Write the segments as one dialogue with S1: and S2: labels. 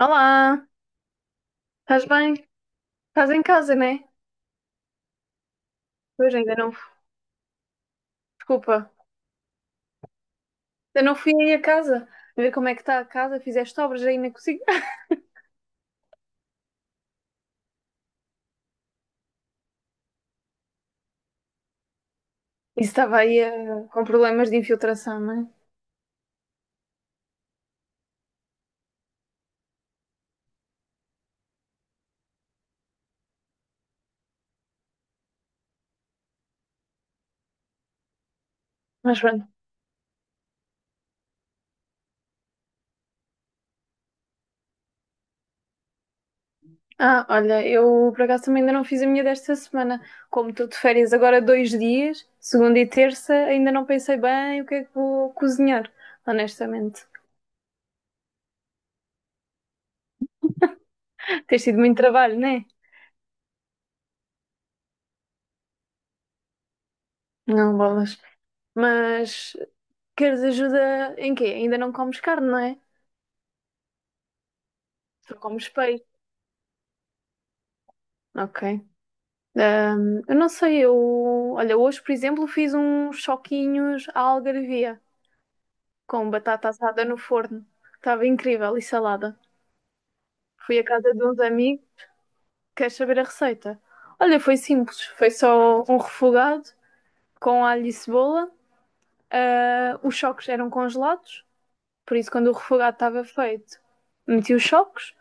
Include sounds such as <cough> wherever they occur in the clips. S1: Olá, estás bem? Estás em casa, né? Pois ainda não. Desculpa, ainda não fui aí a casa. A ver como é que está a casa, fizeste obras aí na cozinha. <laughs> Isso estava aí com problemas de infiltração, não é? Mas pronto. Ah, olha, eu por acaso também ainda não fiz a minha desta semana. Como estou de férias agora 2 dias, segunda e terça, ainda não pensei bem o que é que vou cozinhar, honestamente. <laughs> Tens tido muito trabalho, não é? Não, bolas. Mas queres ajuda em quê? Ainda não comes carne, não é? Só comes peixe. Ok. Eu não sei, eu. Olha, hoje, por exemplo, fiz uns choquinhos à algarvia com batata assada no forno. Estava incrível e salada. Fui à casa de uns amigos. Queres saber a receita? Olha, foi simples. Foi só um refogado com alho e cebola. Ah, os choques eram congelados, por isso, quando o refogado estava feito, meti os choques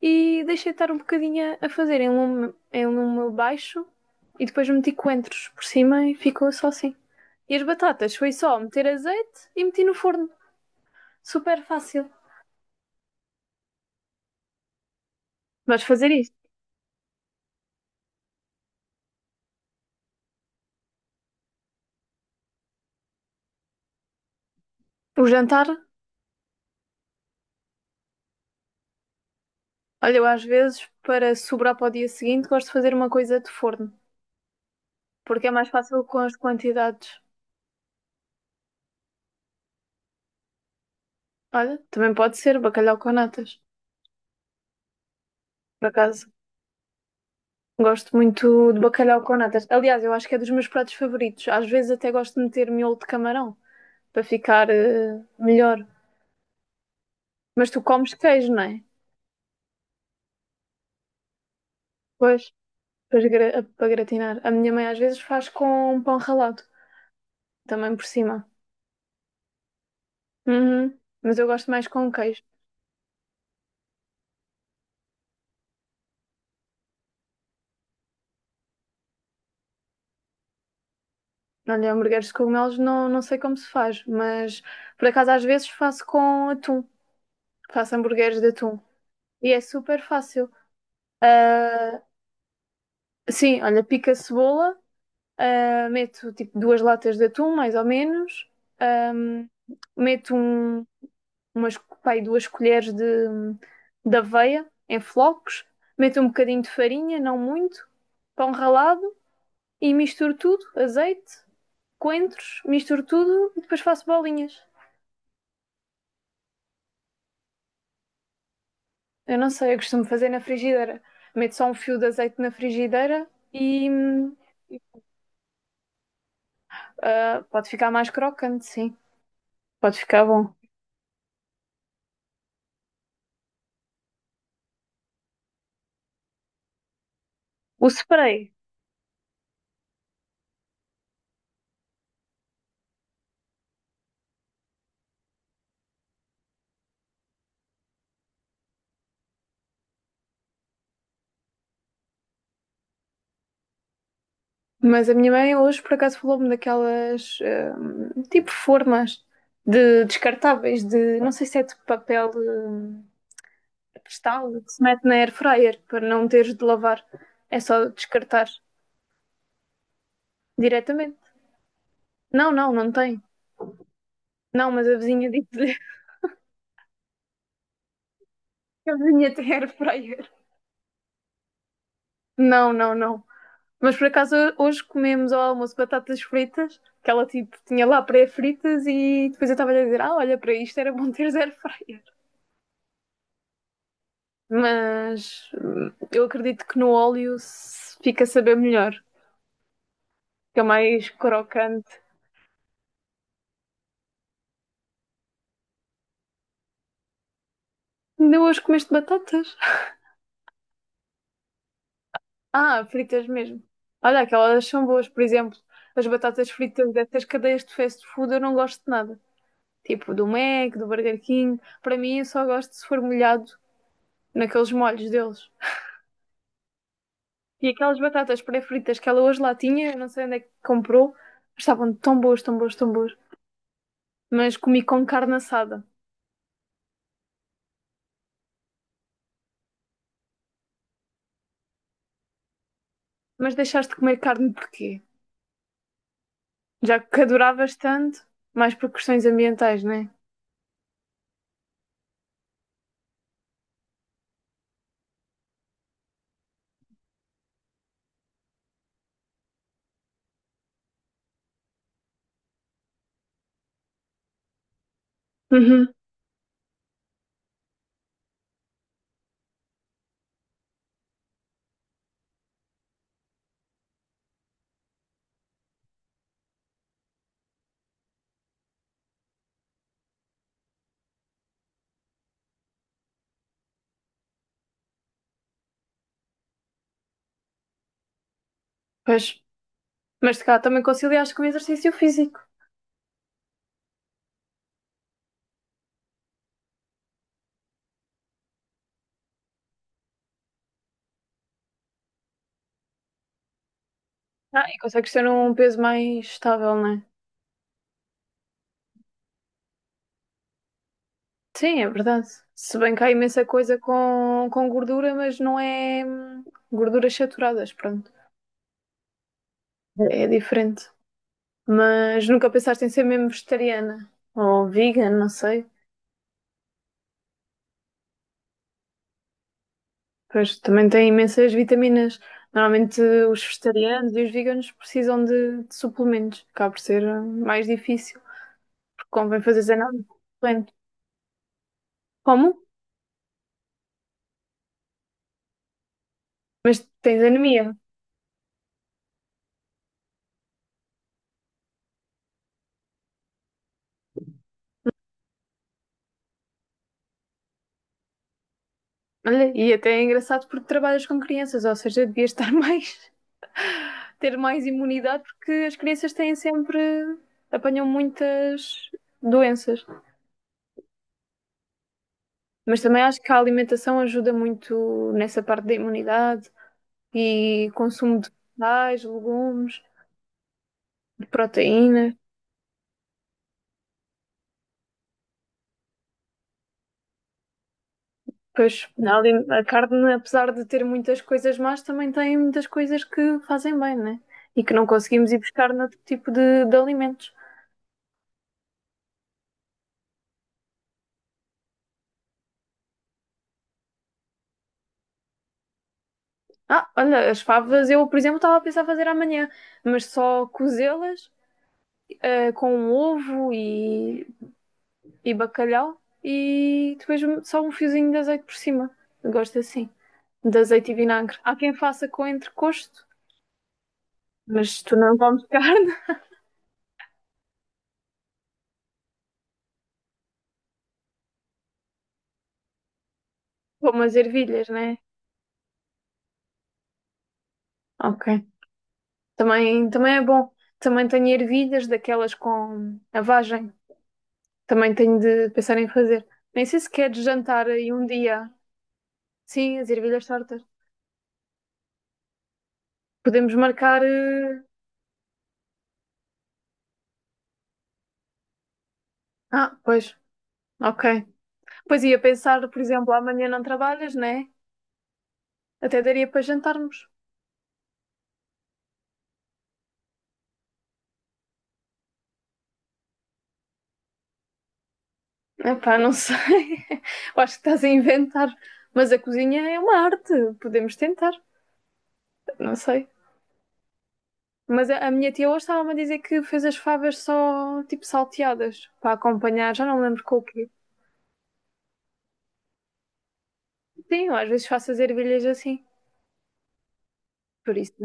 S1: e deixei estar um bocadinho a fazer em lume baixo e depois meti coentros por cima e ficou só assim. E as batatas foi só meter azeite e meti no forno. Super fácil. Vais fazer isto. O jantar, olha, eu às vezes, para sobrar para o dia seguinte, gosto de fazer uma coisa de forno. Porque é mais fácil com as quantidades. Olha, também pode ser bacalhau com natas. Por acaso, gosto muito de bacalhau com natas. Aliás, eu acho que é dos meus pratos favoritos. Às vezes até gosto de meter miolo de camarão, para ficar melhor. Mas tu comes queijo, não é? Pois, para gratinar. A minha mãe às vezes faz com pão ralado. Também por cima. Uhum. Mas eu gosto mais com queijo. Olha, hambúrgueres de cogumelos não sei como se faz, mas por acaso às vezes faço com atum. Faço hambúrgueres de atum. E é super fácil. Ah, sim, olha, pico a cebola, ah, meto tipo 2 latas de atum, mais ou menos. Ahm, meto pá, aí 2 colheres de aveia em flocos. Meto um bocadinho de farinha, não muito. Pão ralado e misturo tudo, azeite. Coentros, misturo tudo e depois faço bolinhas. Eu não sei, eu costumo fazer na frigideira. Meto só um fio de azeite na frigideira e ah, pode ficar mais crocante, sim. Pode ficar bom. O spray. Mas a minha mãe hoje por acaso falou-me daquelas tipo formas de descartáveis de não sei se é de papel postal que se mete na air fryer para não teres de lavar. É só descartar diretamente. Não, não, não tem. Não, mas a vizinha disse Eu vinha ter fryer. Não, não, não. Mas por acaso hoje comemos ao almoço batatas fritas, que ela tipo tinha lá pré-fritas e depois eu estava a dizer, ah, olha, para isto era bom ter zero fryer. Mas eu acredito que no óleo fica a saber melhor, fica mais crocante. Ainda hoje comeste batatas? Ah, fritas mesmo. Olha, aquelas são boas, por exemplo, as batatas fritas dessas cadeias de fast food eu não gosto de nada. Tipo do Mac, do Burger King, para mim eu só gosto se for molhado naqueles molhos deles. E aquelas batatas pré-fritas que ela hoje lá tinha, não sei onde é que comprou, estavam tão boas, tão boas, tão boas. Mas comi com carne assada. Mas deixaste de comer carne porquê? Já que adoravas tanto, mais por questões ambientais, não é? Uhum. Pois. Mas se calhar também conciliaste com o exercício físico. Ah, e consegues ter um peso mais estável, não é? Sim, é verdade. Se bem que há imensa coisa com gordura, mas não é gorduras saturadas, pronto. É diferente. Mas nunca pensaste em ser mesmo vegetariana ou vegan, não sei. Pois também tem imensas vitaminas. Normalmente os vegetarianos e os veganos precisam de suplementos. Acaba por ser mais difícil, porque convém fazer zenose. Como? Mas tens anemia. Olha, e até é engraçado porque trabalhas com crianças, ou seja, devias estar <laughs> mais, ter mais imunidade, porque as crianças têm sempre, apanham muitas doenças. Mas também acho que a alimentação ajuda muito nessa parte da imunidade e consumo de vegetais, legumes, de proteína. Pois na ali- a carne, apesar de ter muitas coisas más, também tem muitas coisas que fazem bem, né? E que não conseguimos ir buscar noutro tipo de alimentos. Ah, olha, as favas eu, por exemplo, estava a pensar fazer amanhã, mas só cozê-las com um ovo e bacalhau e depois um, só um fiozinho de azeite por cima. Eu Gosto assim. De azeite e vinagre. Há quem faça com entrecosto, mas tu não comes carne, <laughs> como as ervilhas, né? Ok. Também é bom. Também tenho ervilhas daquelas com a vagem. Também tenho de pensar em fazer. Nem sei se queres jantar aí um dia. Sim, as ervilhas tortas. Podemos marcar. Ah, pois, ok. Pois ia pensar, por exemplo, amanhã não trabalhas, né? Até daria para jantarmos. Epá, não sei. <laughs> Eu acho que estás a inventar. Mas a cozinha é uma arte. Podemos tentar. Não sei. Mas a minha tia hoje estava-me a dizer que fez as favas só, tipo, salteadas. Para acompanhar. Já não me lembro com o quê. Sim, eu às vezes faço as ervilhas assim. Por isso.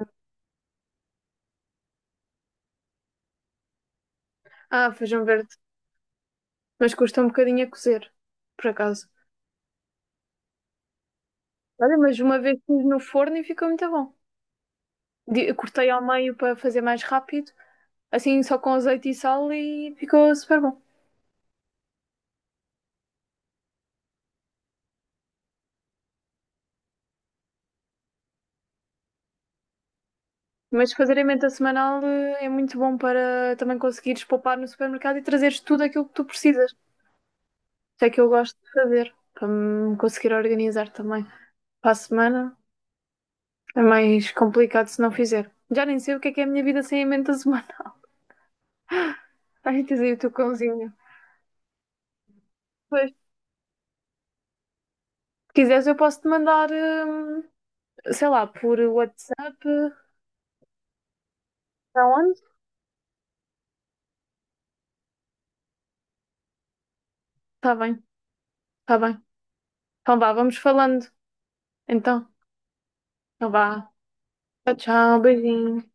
S1: Ah, feijão verde. Mas custa um bocadinho a cozer. Por acaso. Olha, mas uma vez fiz no forno e ficou muito bom. Cortei ao meio para fazer mais rápido. Assim, só com azeite e sal e ficou super bom. Mas fazer a emenda semanal é muito bom para também conseguires poupar no supermercado e trazeres tudo aquilo que tu precisas. Isso é que eu gosto de fazer, para me conseguir organizar também. Para a semana é mais complicado se não fizer. Já nem sei o que é a minha vida sem emenda semanal. <laughs> Ai, tens aí o teu cãozinho. Pois, se quiseres, eu posso te mandar, sei lá, por WhatsApp. Para onde? Está bem, está bem. Então vá, vamos falando. Então, então vá. Tchau, tchau, beijinho.